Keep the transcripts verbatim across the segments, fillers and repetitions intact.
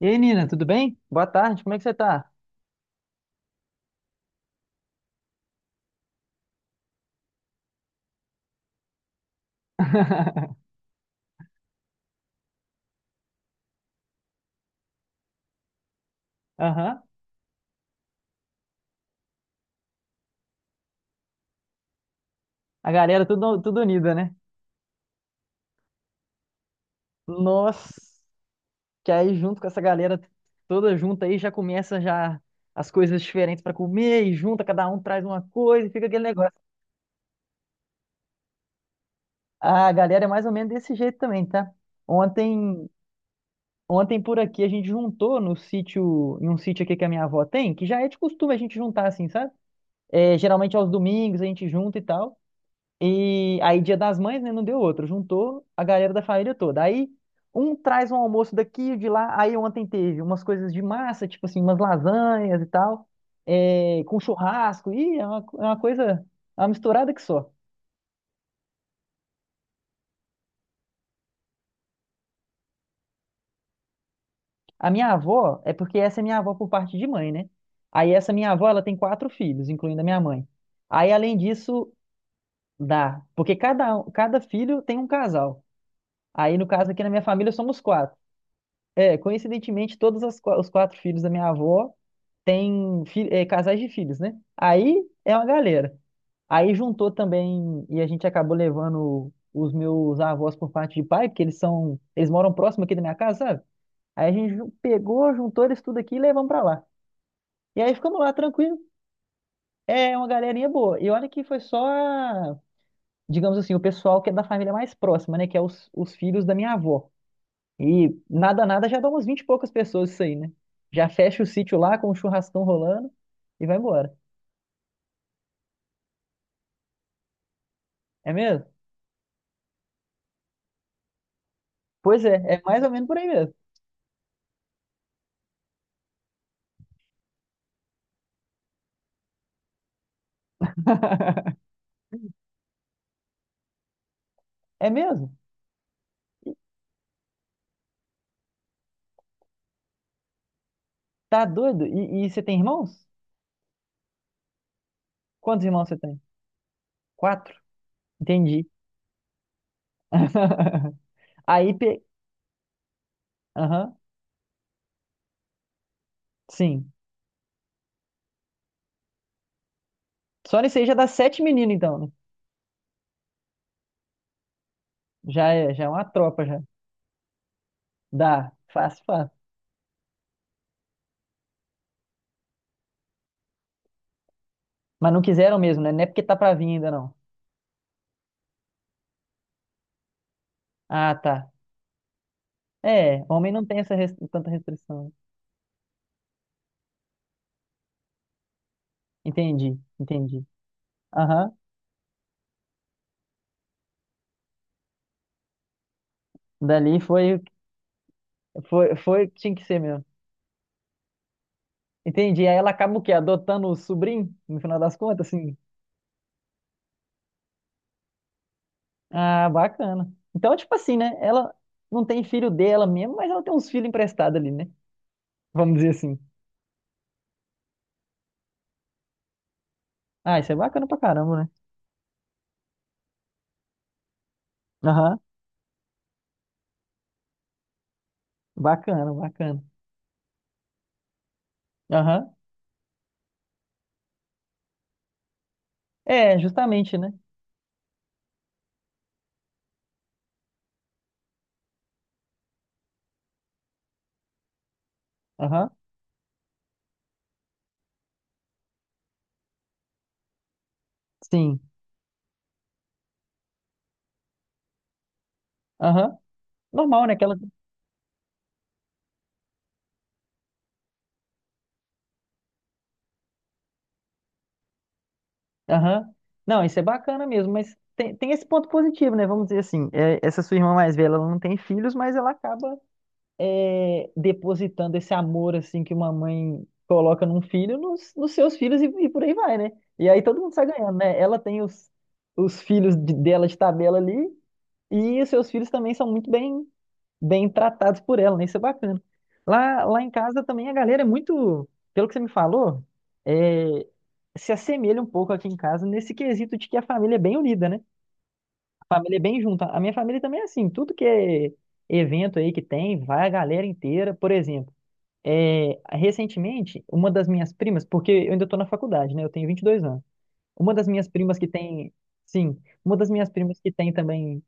E aí, Nina, tudo bem? Boa tarde, como é que você tá? Aham. A galera tudo, tudo unida, né? Nossa, que aí junto com essa galera toda junta aí já começa já as coisas diferentes pra comer e junta, cada um traz uma coisa e fica aquele negócio. A galera é mais ou menos desse jeito também, tá? Ontem, ontem por aqui a gente juntou no sítio, em um sítio aqui que a minha avó tem, que já é de costume a gente juntar assim, sabe? É, geralmente aos domingos a gente junta e tal. E aí, Dia das Mães, né? Não deu outro. Juntou a galera da família toda. Aí, um traz um almoço daqui e de lá. Aí, ontem teve umas coisas de massa, tipo assim, umas lasanhas e tal, é, com churrasco. Ih, é uma, é uma coisa, é uma misturada que só. A minha avó, é porque essa é minha avó por parte de mãe, né? Aí, essa minha avó, ela tem quatro filhos, incluindo a minha mãe. Aí, além disso, dá. Porque cada, um, cada filho tem um casal. Aí, no caso aqui na minha família, somos quatro. É, coincidentemente, todos as qua- os quatro filhos da minha avó têm fi- é, casais de filhos, né? Aí é uma galera. Aí juntou também, e a gente acabou levando os meus avós por parte de pai, porque eles são, eles moram próximo aqui da minha casa, sabe? Aí a gente ju- pegou, juntou eles tudo aqui e levamos pra lá. E aí ficamos lá tranquilo. É uma galerinha boa. E olha que foi só, a- digamos assim, o pessoal que é da família mais próxima, né? Que é os, os filhos da minha avó. E nada, nada, já dá umas vinte e poucas pessoas isso aí, né? Já fecha o sítio lá com o churrascão rolando e vai embora. É mesmo? Pois é, é mais ou menos por aí mesmo. É mesmo? Tá doido? E, e você tem irmãos? Quantos irmãos você tem? Quatro? Entendi. Aí, pe... Aham, sim. Só nisso aí já dá sete meninos, então, né? Já é, já é uma tropa, já. Dá, fácil, fácil. Mas não quiseram mesmo, né? Não é porque tá pra vir ainda, não. Ah, tá. É, homem não tem essa res- tanta restrição. Né? Entendi, entendi. Aham. Dali foi, foi, foi o que tinha que ser mesmo. Entendi. Aí ela acaba o quê? Adotando o sobrinho, no final das contas, assim. Ah, bacana. Então, tipo assim, né? Ela não tem filho dela mesmo, mas ela tem uns filhos emprestados ali, né? Vamos dizer assim. Ah, isso é bacana pra caramba, né? Aham. Bacana, bacana. Aham. É, justamente, né? Aham. Sim. Aham. Normal, né? Aquela... Aham. Não, isso é bacana mesmo, mas tem, tem esse ponto positivo, né? Vamos dizer assim. É, essa sua irmã mais velha, ela não tem filhos, mas ela acaba é, depositando esse amor assim que uma mãe coloca num filho nos, nos, seus filhos e, e por aí vai, né? E aí todo mundo sai ganhando, né? Ela tem os, os filhos de- dela de tabela ali e os seus filhos também são muito bem bem tratados por ela, né? Isso é bacana. Lá, lá em casa também a galera é muito, pelo que você me falou, é, se assemelha um pouco aqui em casa nesse quesito de que a família é bem unida, né? A família é bem junta. A minha família também é assim, tudo que é evento aí que tem, vai a galera inteira, por exemplo. É, recentemente, uma das minhas primas, porque eu ainda estou na faculdade, né? Eu tenho vinte e dois anos. Uma das minhas primas que tem, sim, uma das minhas primas que tem também.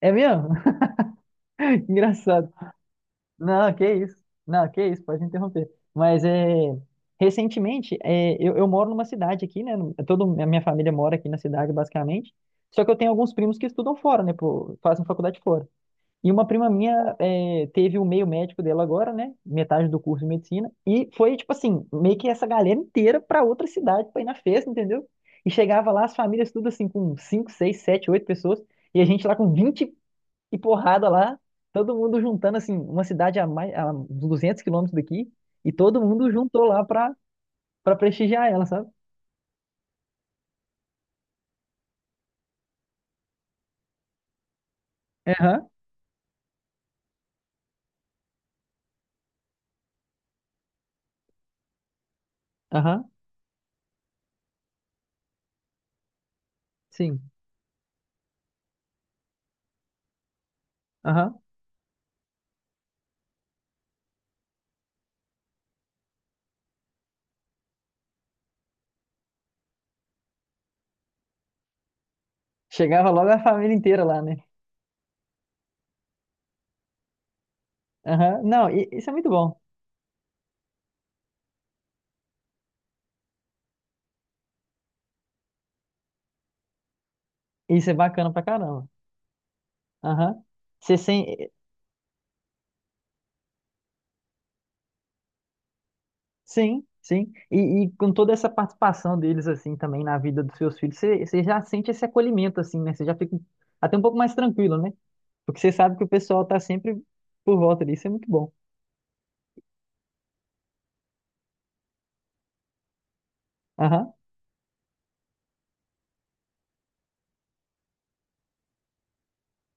É mesmo? Engraçado. Não, que isso. Não, que isso, pode interromper. Mas é, recentemente, é, eu, eu moro numa cidade aqui, né? no- Toda a minha família mora aqui na cidade, basicamente. Só que eu tenho alguns primos que estudam fora, né? pô, fazem faculdade fora. E uma prima minha é, teve o meio médico dela agora, né? Metade do curso de medicina. E foi, tipo assim, meio que essa galera inteira pra outra cidade pra ir na festa, entendeu? E chegava lá, as famílias tudo assim, com cinco seis sete oito pessoas. E a gente lá com vinte e porrada lá. Todo mundo juntando, assim, uma cidade a mais, a duzentos quilômetros daqui. E todo mundo juntou lá pra, pra prestigiar ela, sabe? Aham, aham, sim, aham. Chegava logo a família inteira lá, né? Aham. Não, e- isso é muito bom. Isso é bacana pra caramba. Aham. Você sem... Sim, sim. E, e com toda essa participação deles, assim, também na vida dos seus filhos, você, você já sente esse acolhimento, assim, né? Você já fica até um pouco mais tranquilo, né? Porque você sabe que o pessoal tá sempre por volta disso, é muito bom. Aham.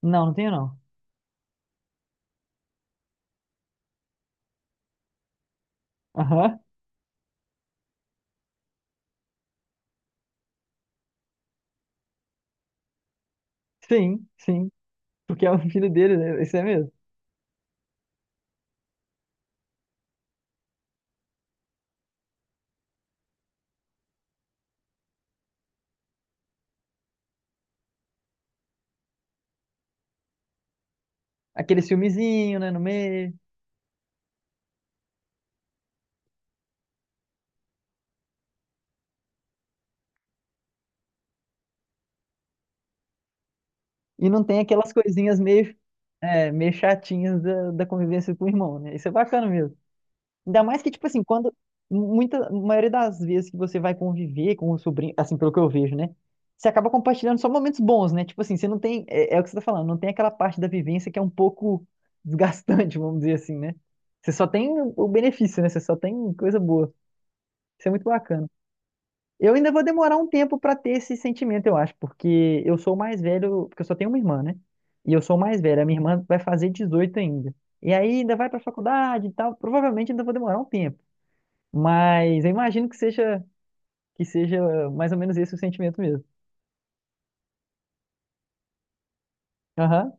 Não, não tenho não. Aham. Sim, sim. Porque é o filho dele, né? Isso é mesmo. Aquele filmezinho, né, no meio. E não tem aquelas coisinhas meio, é, meio chatinhas da, da convivência com o irmão, né? Isso é bacana mesmo. Ainda mais que, tipo assim, quando. Muita, a maioria das vezes que você vai conviver com o sobrinho, assim, pelo que eu vejo, né? Você acaba compartilhando só momentos bons, né? Tipo assim, você não tem. É, é o que você tá falando, não tem aquela parte da vivência que é um pouco desgastante, vamos dizer assim, né? Você só tem o benefício, né? Você só tem coisa boa. Isso é muito bacana. Eu ainda vou demorar um tempo pra ter esse sentimento, eu acho, porque eu sou o mais velho, porque eu só tenho uma irmã, né? E eu sou o mais velho, a minha irmã vai fazer dezoito ainda. E aí ainda vai pra faculdade e tal, provavelmente ainda vou demorar um tempo. Mas eu imagino que seja que seja mais ou menos esse o sentimento mesmo. Aham,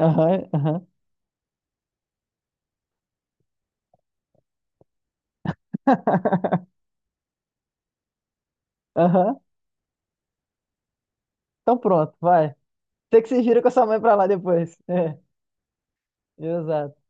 aham, aham, aham. Então pronto, vai. Tem que se gira com a sua mãe pra lá depois. É, exato.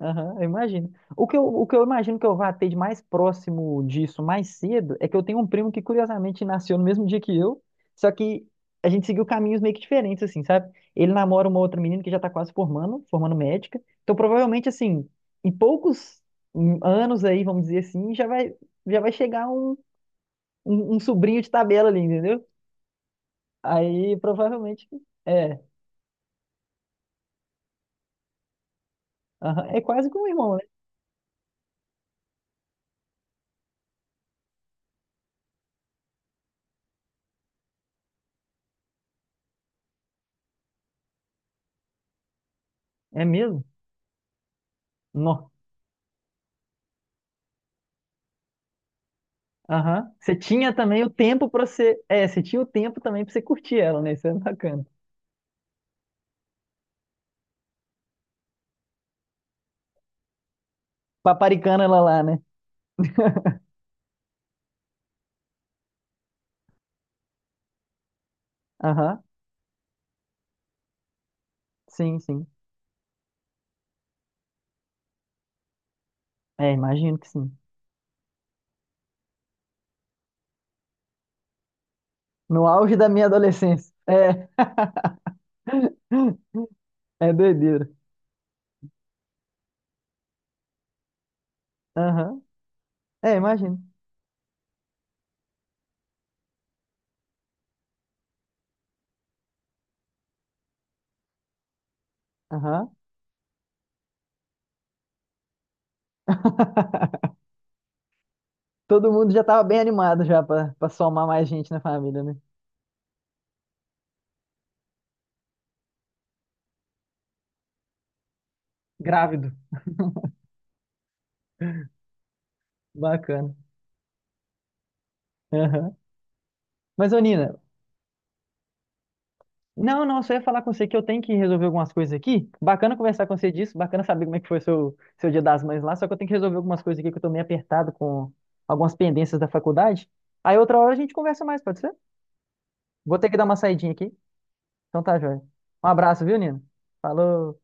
Aham, eu imagino. O que eu, o que eu imagino que eu vá ter de mais próximo disso mais cedo é que eu tenho um primo que curiosamente nasceu no mesmo dia que eu, só que a gente seguiu caminhos meio que diferentes, assim, sabe? Ele namora uma outra menina que já tá quase formando, formando médica. Então, provavelmente, assim, em poucos hum, anos aí, vamos dizer assim, já vai, já vai, chegar um, um, um sobrinho de tabela ali, entendeu? Aí, provavelmente, é, aham, é quase como um irmão, né? É mesmo? Nó. Aham. Você tinha também o tempo pra você. É, você tinha o tempo também pra você curtir ela, né? Isso é bacana. Paparicando ela lá, né? Aham. Sim, sim. É, imagino que sim. No auge da minha adolescência. É. É doideira. Aham. É, imagino. Aham. Todo mundo já tava bem animado já pra, pra somar mais gente na família, né? Grávido. Bacana. Aham. Mas, ô Nina, não, não, só ia falar com você que eu tenho que resolver algumas coisas aqui. Bacana conversar com você disso, bacana saber como é que foi seu, seu Dia das Mães lá, só que eu tenho que resolver algumas coisas aqui que eu tô meio apertado com algumas pendências da faculdade. Aí outra hora a gente conversa mais, pode ser? Vou ter que dar uma saidinha aqui. Então tá, joia. Um abraço, viu, Nino? Falou.